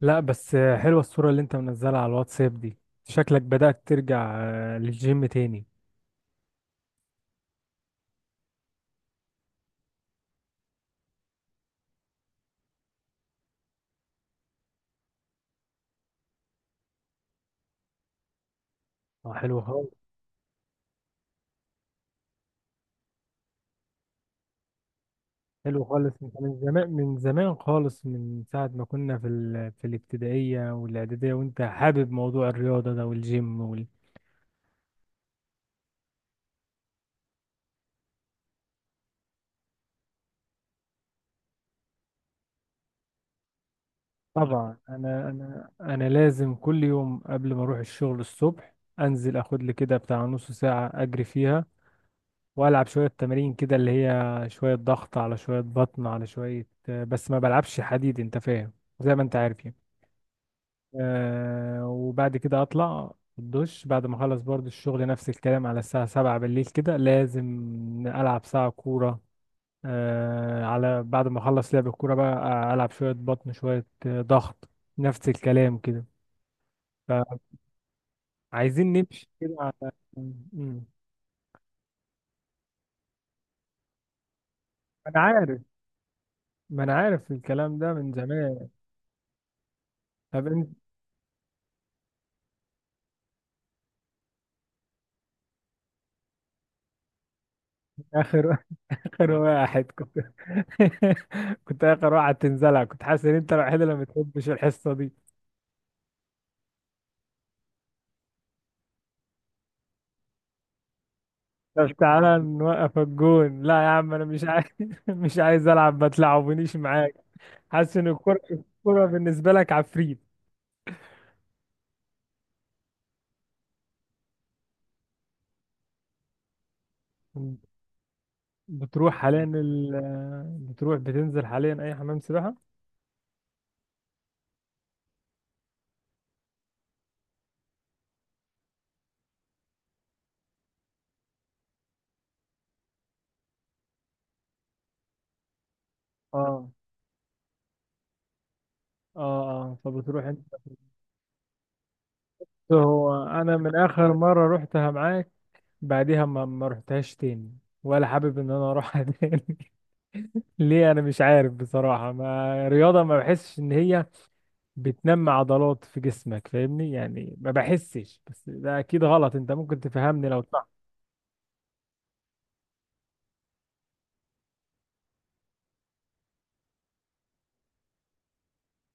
لا بس حلوة الصورة اللي انت منزلها على الواتساب دي. شكلك بدأت ترجع للجيم تاني. اه، حلو خالص. حلو خالص، انت من زمان من زمان خالص، من ساعة ما كنا في في الابتدائية والإعدادية، وانت حابب موضوع الرياضة ده والجيم. طبعا انا لازم كل يوم قبل ما اروح الشغل الصبح انزل اخد لي كده بتاع نص ساعة اجري فيها، والعب شويه تمارين كده اللي هي شويه ضغط على شويه بطن على شويه، بس ما بلعبش حديد، انت فاهم، زي ما انت عارف يعني. وبعد كده اطلع الدش بعد ما اخلص برضو الشغل، نفس الكلام، على الساعه 7 بالليل كده لازم العب ساعه كوره. على بعد ما اخلص لعب الكوره بقى، العب شويه بطن شويه ضغط، نفس الكلام كده. فعايزين نمشي كده على. مم. انا عارف، ما انا عارف الكلام ده من زمان. طب انت. اخر اخر واحد كنت. كنت اخر واحد تنزلها، كنت حاسس ان انت الوحيد اللي ما بتحبش الحصه دي. طب تعالى نوقف الجون، لا يا عم انا مش عايز مش عايز العب، ما تلعبونيش معاك. حاسس ان الكوره الكوره بالنسبه لك عفريت. بتروح حاليا ال... آه، بتروح بتنزل حاليا اي حمام سباحه؟ اه، اه، اه، فبتروح انت؟ هو انا من اخر مره رحتها معاك، بعديها ما رحتهاش تاني، ولا حابب ان انا اروحها تاني. ليه؟ انا مش عارف بصراحه، ما رياضه ما بحسش ان هي بتنمي عضلات في جسمك، فاهمني؟ يعني ما بحسش، بس ده اكيد غلط، انت ممكن تفهمني لو صح.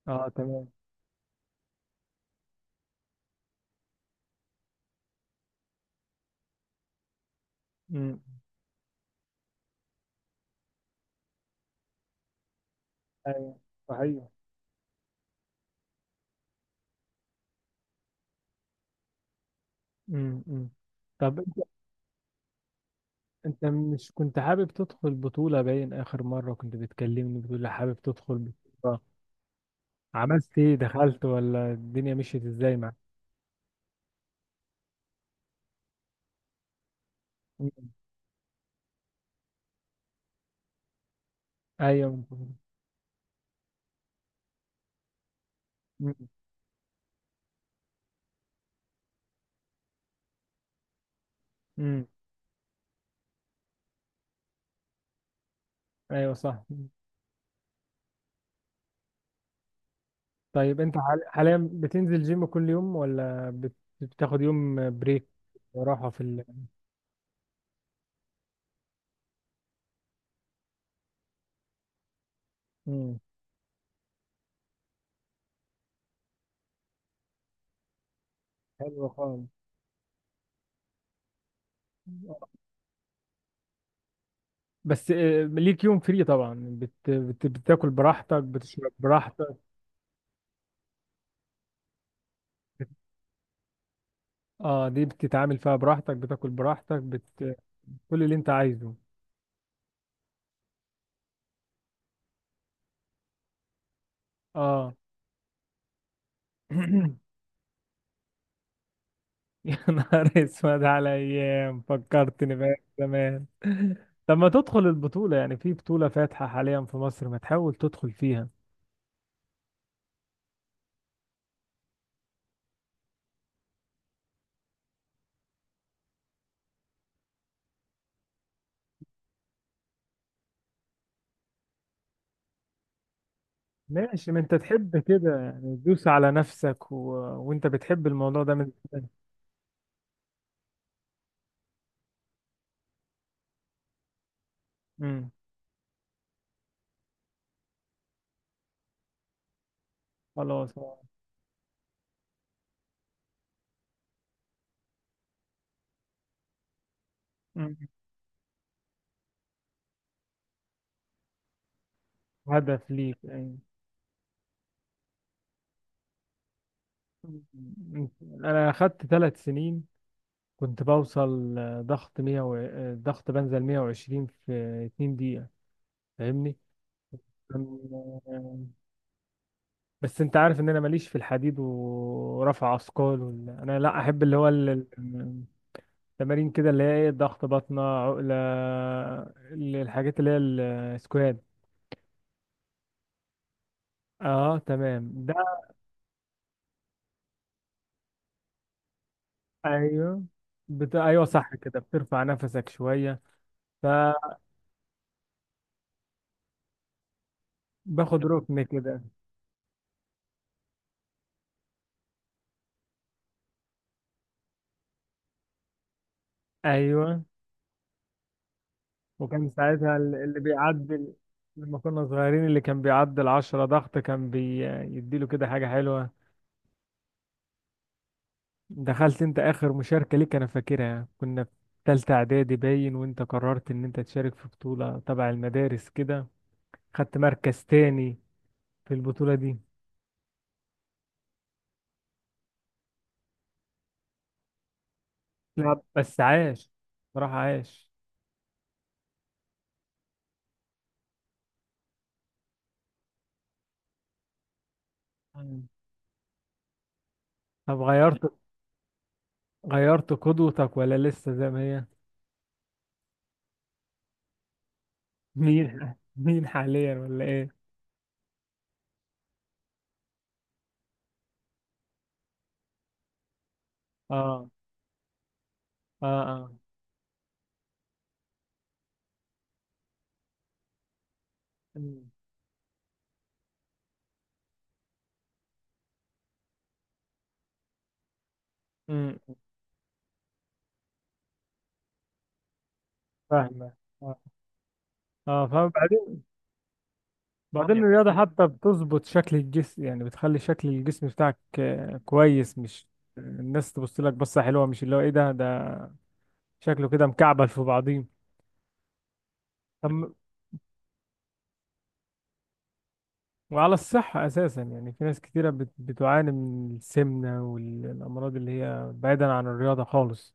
اه، تمام. امم، ايوه صحيح. امم، أمم. طب انت. انت مش كنت حابب تدخل بطوله؟ باين اخر مره كنت بتكلمني بتقول لي حابب تدخل بطوله. عملت ايه؟ دخلت، ولا الدنيا مشيت ازاي معاك؟ أمم، ايوه. أمم. أمم، ايوه صح. طيب انت حاليا بتنزل جيم كل يوم، ولا بتاخد يوم بريك وراحة في؟ مم. حلو خالص. بس ليك يوم فري طبعا. بتاكل براحتك، بتشرب براحتك؟ اه، دي بتتعامل فيها براحتك، بتاكل براحتك، كل اللي انت عايزه. اه. يا نهار اسود، على ايام! فكرتني بقى زمان طب ما تدخل البطولة يعني، في بطولة فاتحة حاليا في مصر، ما تحاول تدخل فيها. ماشي، ما انت تحب كده يعني، تدوس على نفسك. وانت بتحب الموضوع ده من زمان. امم. خلاص، اه. امم. هدف ليك يعني. امم. انا اخدت 3 سنين، كنت بوصل ضغط 100 و... آه، ضغط بنزل 120 في 2 دقيقة، فاهمني؟ كان- بس انت عارف ان انا ماليش في الحديد ورفع اثقال انا لا احب اللي هو التمارين كده، اللي هي ايه، ضغط، بطنة، عقلة، الحاجات اللي هي السكواد. اه، تمام ده. ايوه ايوه صح كده، بترفع نفسك شويه. فباخد ركن كده. ايوه. وكان ساعتها اللي بيعدي، لما كنا صغيرين، اللي كان بيعدي 10 ضغط كان بيديله كده حاجه حلوه. دخلت انت اخر مشاركه ليك انا فاكرها، كنا في تالتة اعدادي باين، وانت قررت ان انت تشارك في بطوله تبع المدارس كده، خدت مركز تاني في البطوله دي. لا بس عاش، بصراحه عاش. مم. طب غيرت قدوتك ولا لسه زي ما هي؟ مين مين حاليا ولا ايه؟ اه، اه، اه. أمم، أمم، فاهمة، اه، فبعدين. بعدين الرياضة حتى بتظبط شكل الجسم يعني، بتخلي شكل الجسم بتاعك كويس، مش الناس تبص لك بصة حلوة، مش اللي هو ايه، ده شكله كده مكعبل في بعضيه. طب وعلى الصحة أساسا يعني، في ناس كتيرة بتعاني من السمنة والأمراض اللي هي، بعيدا عن الرياضة خالص.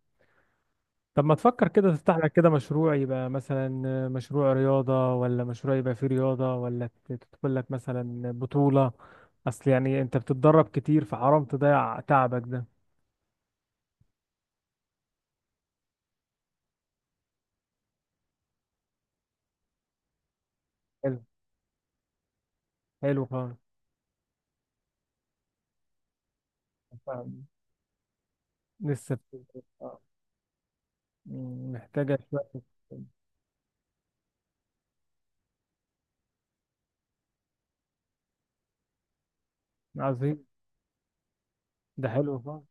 طب ما تفكر كده تفتح لك كده مشروع، يبقى مثلا مشروع رياضة، ولا مشروع يبقى فيه رياضة، ولا تدخل لك مثلا بطولة، أصل يعني أنت بتتدرب كتير، فحرام تضيع تعبك ده. حلو، حلو خالص. فاهم. لسه. مم، محتاجة شوية. عظيم، ده حلو خالص،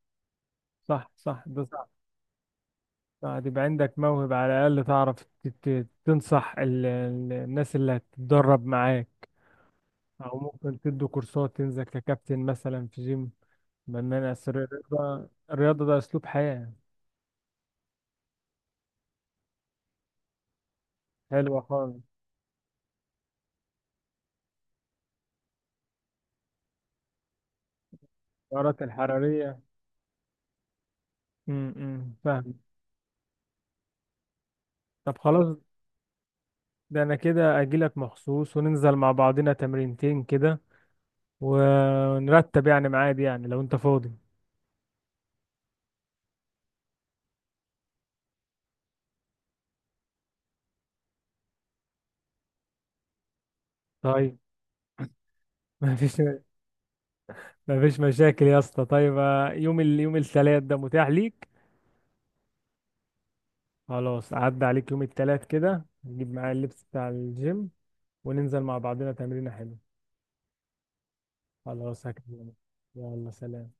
صح، صح، ده صح. صح، يبقى عندك موهبة على الأقل، تعرف تنصح الناس اللي هتتدرب معاك، أو ممكن تدوا كورسات، تنزل ككابتن مثلا في جيم. بنان أصل الرياضة، الرياضة ده أسلوب حياة. حلوة خالص. السعرات الحرارية. امم، فاهم. طب خلاص، ده أنا كده أجيلك مخصوص، وننزل مع بعضنا تمرينتين كده، ونرتب يعني ميعاد، يعني لو أنت فاضي. طيب مفيش مفيش مشاكل يا اسطى. طيب، يوم يوم التلات ده متاح ليك؟ خلاص، عدى عليك يوم التلات كده، نجيب معايا اللبس بتاع الجيم، وننزل مع بعضنا تمرينة حلوة. خلاص هكلمك. يلا سلام.